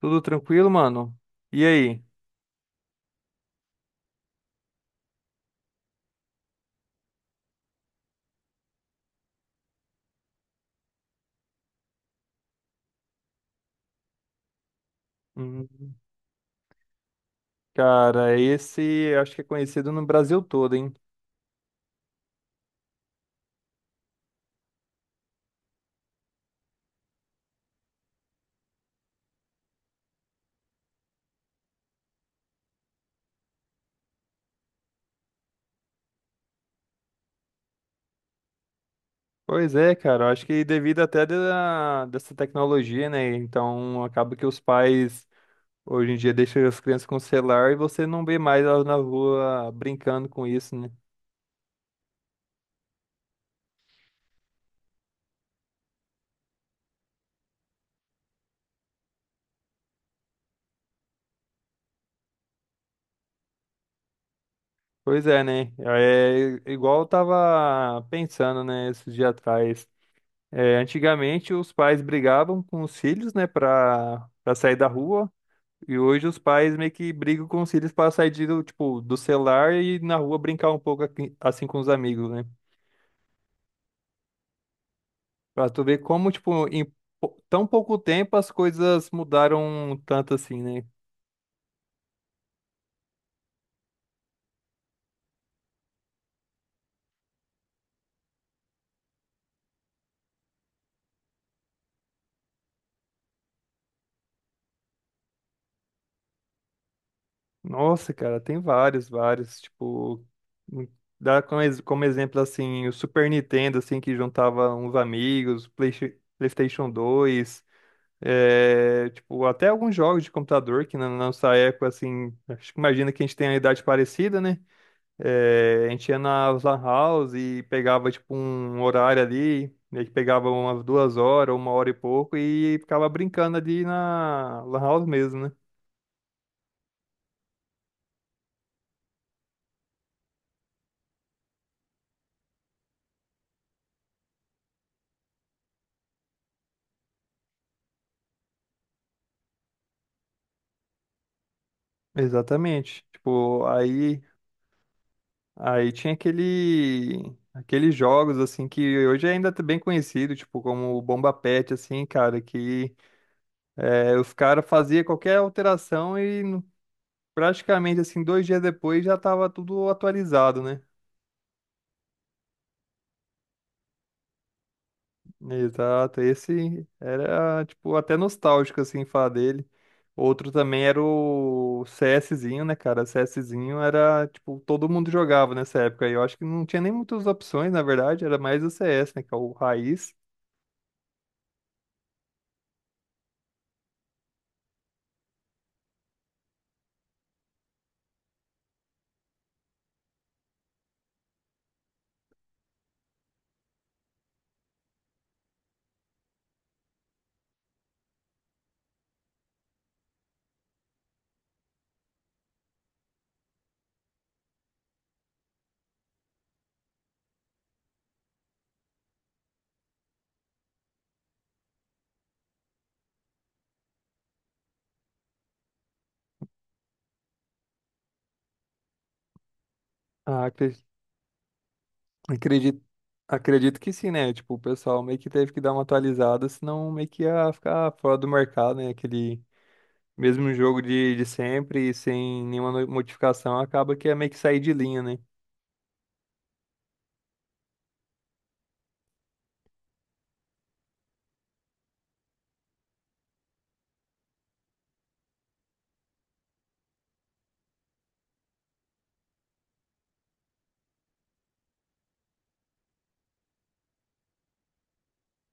Tudo tranquilo, mano? E aí? Hum, cara, esse acho que é conhecido no Brasil todo, hein? Pois é, cara, eu acho que devido dessa tecnologia, né? Então acaba que os pais hoje em dia deixam as crianças com o celular e você não vê mais elas na rua brincando com isso, né? Pois é, né? É igual eu tava pensando, né, esses dias atrás. É, antigamente os pais brigavam com os filhos, né, pra sair da rua. E hoje os pais meio que brigam com os filhos para sair tipo, do celular e na rua brincar um pouco assim com os amigos, né? Pra tu ver como, tipo, em tão pouco tempo as coisas mudaram tanto assim, né? Nossa, cara, tem vários, tipo, hum, dá como exemplo, assim, o Super Nintendo, assim, que juntava uns amigos, PlayStation 2, é, tipo, até alguns jogos de computador que na nossa época, assim, acho que imagina que a gente tem a idade parecida, né? É, a gente ia nas lan house e pegava tipo um horário ali, meio que pegava umas duas horas, uma hora e pouco e ficava brincando ali na lan house mesmo, né? Exatamente. Tipo, aí tinha aqueles jogos assim que hoje ainda tá bem conhecido, tipo como o Bomba Patch assim, cara, que é, os caras faziam qualquer alteração praticamente assim dois dias depois já tava tudo atualizado, né? Exato, esse era, tipo, até nostálgico, assim, falar dele. Outro também era o CSzinho, né, cara? CSzinho era, tipo, todo mundo jogava nessa época. E eu acho que não tinha nem muitas opções, na verdade, era mais o CS, né, que é o raiz. Ah, acre- acredito, acredito que sim, né? Tipo, o pessoal meio que teve que dar uma atualizada, senão meio que ia ficar fora do mercado, né? Aquele mesmo jogo de sempre, sem nenhuma modificação, acaba que ia meio que sair de linha, né?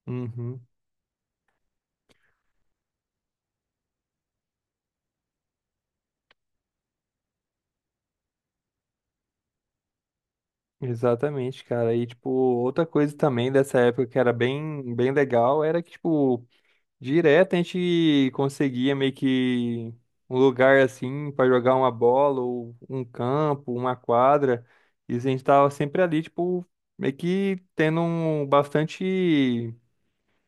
Uhum. Exatamente, cara. E, tipo, outra coisa também dessa época que era bem legal era que, tipo, direto a gente conseguia meio que um lugar assim para jogar uma bola ou um campo, uma quadra. E a gente tava sempre ali, tipo, meio que tendo um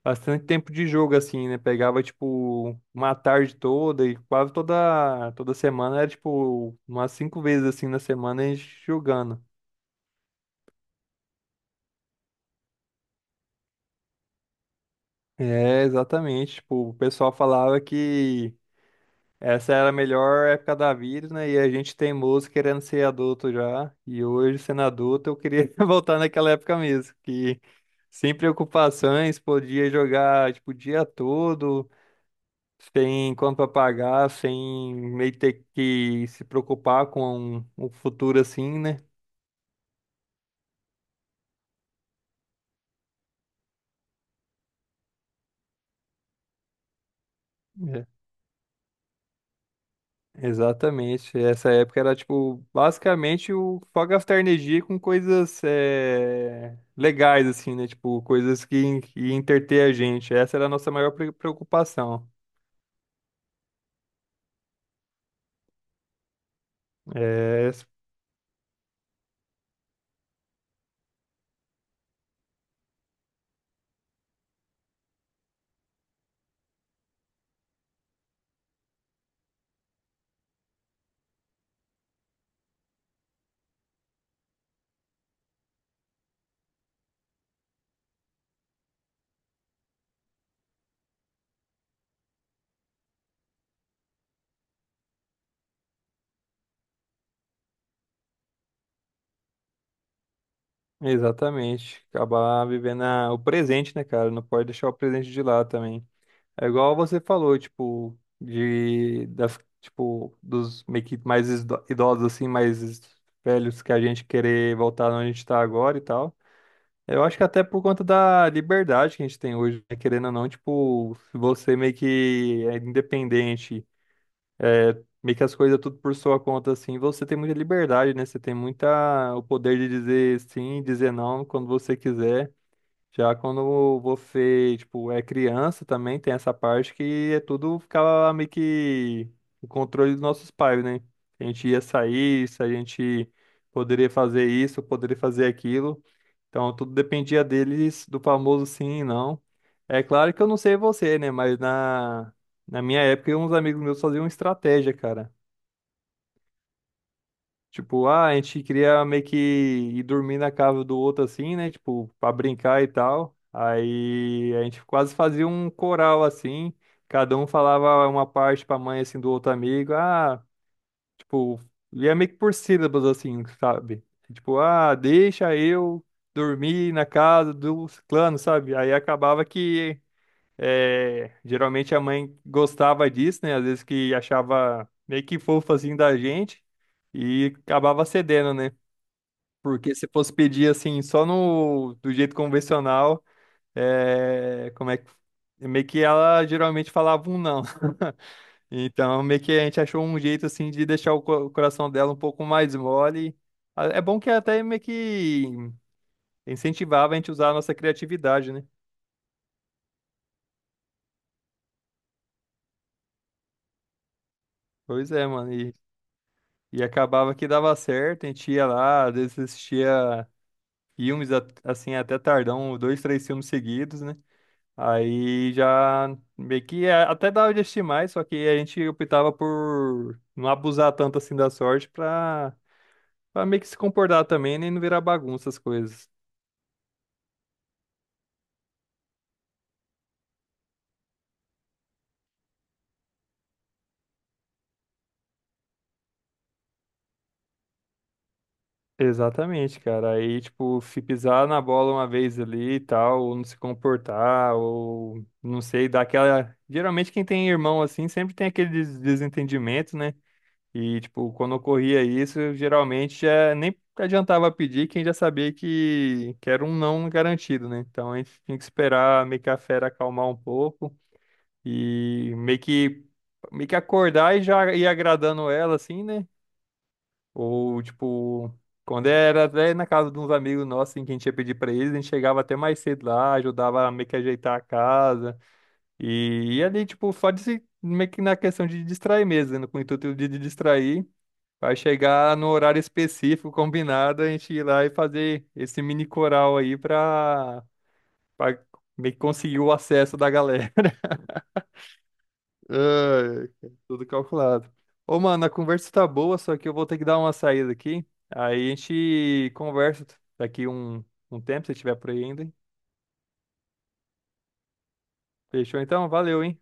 bastante tempo de jogo, assim, né? Pegava, tipo, uma tarde toda e quase toda semana era, tipo, umas cinco vezes assim na semana a gente jogando. É, exatamente. Tipo, o pessoal falava que essa era a melhor época da vida, né? E a gente teimoso querendo ser adulto já. E hoje, sendo adulto, eu queria voltar naquela época mesmo, que sem preocupações, podia jogar, tipo, o dia todo, sem conta pra pagar, sem meio ter que se preocupar com o futuro assim, né? Exatamente. Essa época era, tipo, basicamente o só gastar energia com coisas legais, assim, né? Tipo, coisas que entreter a gente. Essa era a nossa maior preocupação. É, exatamente. Acabar vivendo o presente, né, cara? Não pode deixar o presente de lado também. É igual você falou, tipo, tipo, dos meio que mais idosos, assim, mais velhos que a gente querer voltar onde a gente tá agora e tal. Eu acho que até por conta da liberdade que a gente tem hoje, né? Querendo ou não, tipo, se você meio que é independente, meio que as coisas tudo por sua conta, assim, você tem muita liberdade, né? Você tem muita o poder de dizer sim, dizer não quando você quiser. Já quando você, tipo, é criança também tem essa parte que é tudo ficava meio que o controle dos nossos pais, né? A gente ia sair, se a gente poderia fazer isso, poderia fazer aquilo. Então, tudo dependia deles, do famoso sim e não. É claro que eu não sei você, né? Mas na minha época, uns amigos meus faziam estratégia, cara. Tipo, ah, a gente queria meio que ir dormir na casa do outro assim, né? Tipo, pra brincar e tal. Aí a gente quase fazia um coral assim. Cada um falava uma parte pra mãe assim do outro amigo. Ah. Tipo, e é meio que por sílabas, assim, sabe? Tipo, ah, deixa eu dormir na casa do ciclano, sabe? Aí acabava que, é, geralmente a mãe gostava disso, né? Às vezes que achava meio que fofo, assim, da gente e acabava cedendo, né? Porque se fosse pedir, assim, só no, do jeito convencional, é, como é que... Meio que ela geralmente falava um não. Então, meio que a gente achou um jeito assim de deixar o coração dela um pouco mais mole. É bom que até meio que incentivava a gente a usar a nossa criatividade, né? Pois é, mano. E acabava que dava certo, a gente ia lá, às vezes assistia filmes assim até tardão, dois, três filmes seguidos, né? Aí já meio que até dava de assistir mais, só que a gente optava por não abusar tanto assim da sorte pra meio que se comportar também, nem não virar bagunça as coisas. Exatamente, cara. Aí, tipo, se pisar na bola uma vez ali e tal, ou não se comportar, ou não sei, dá aquela. Geralmente, quem tem irmão assim sempre tem aquele desentendimento, né? E, tipo, quando ocorria isso, geralmente já nem adiantava pedir, quem já sabia que era um não garantido, né? Então a gente tinha que esperar meio que a fera acalmar um pouco e meio que acordar e já ir agradando ela, assim, né? Ou, tipo, quando era até na casa de uns amigos nossos, assim, que a gente ia pedir pra eles, a gente chegava até mais cedo lá, ajudava a meio que ajeitar a casa. E ali, tipo, só de se, meio que na questão de distrair mesmo, né? Com o intuito de distrair, vai chegar no horário específico, combinado, a gente ir lá e fazer esse mini coral aí pra meio que conseguir o acesso da galera. Ai, cara, tudo calculado. Ô, mano, a conversa tá boa, só que eu vou ter que dar uma saída aqui. Aí a gente conversa daqui um tempo, se tiver por aí ainda. Fechou então? Valeu, hein?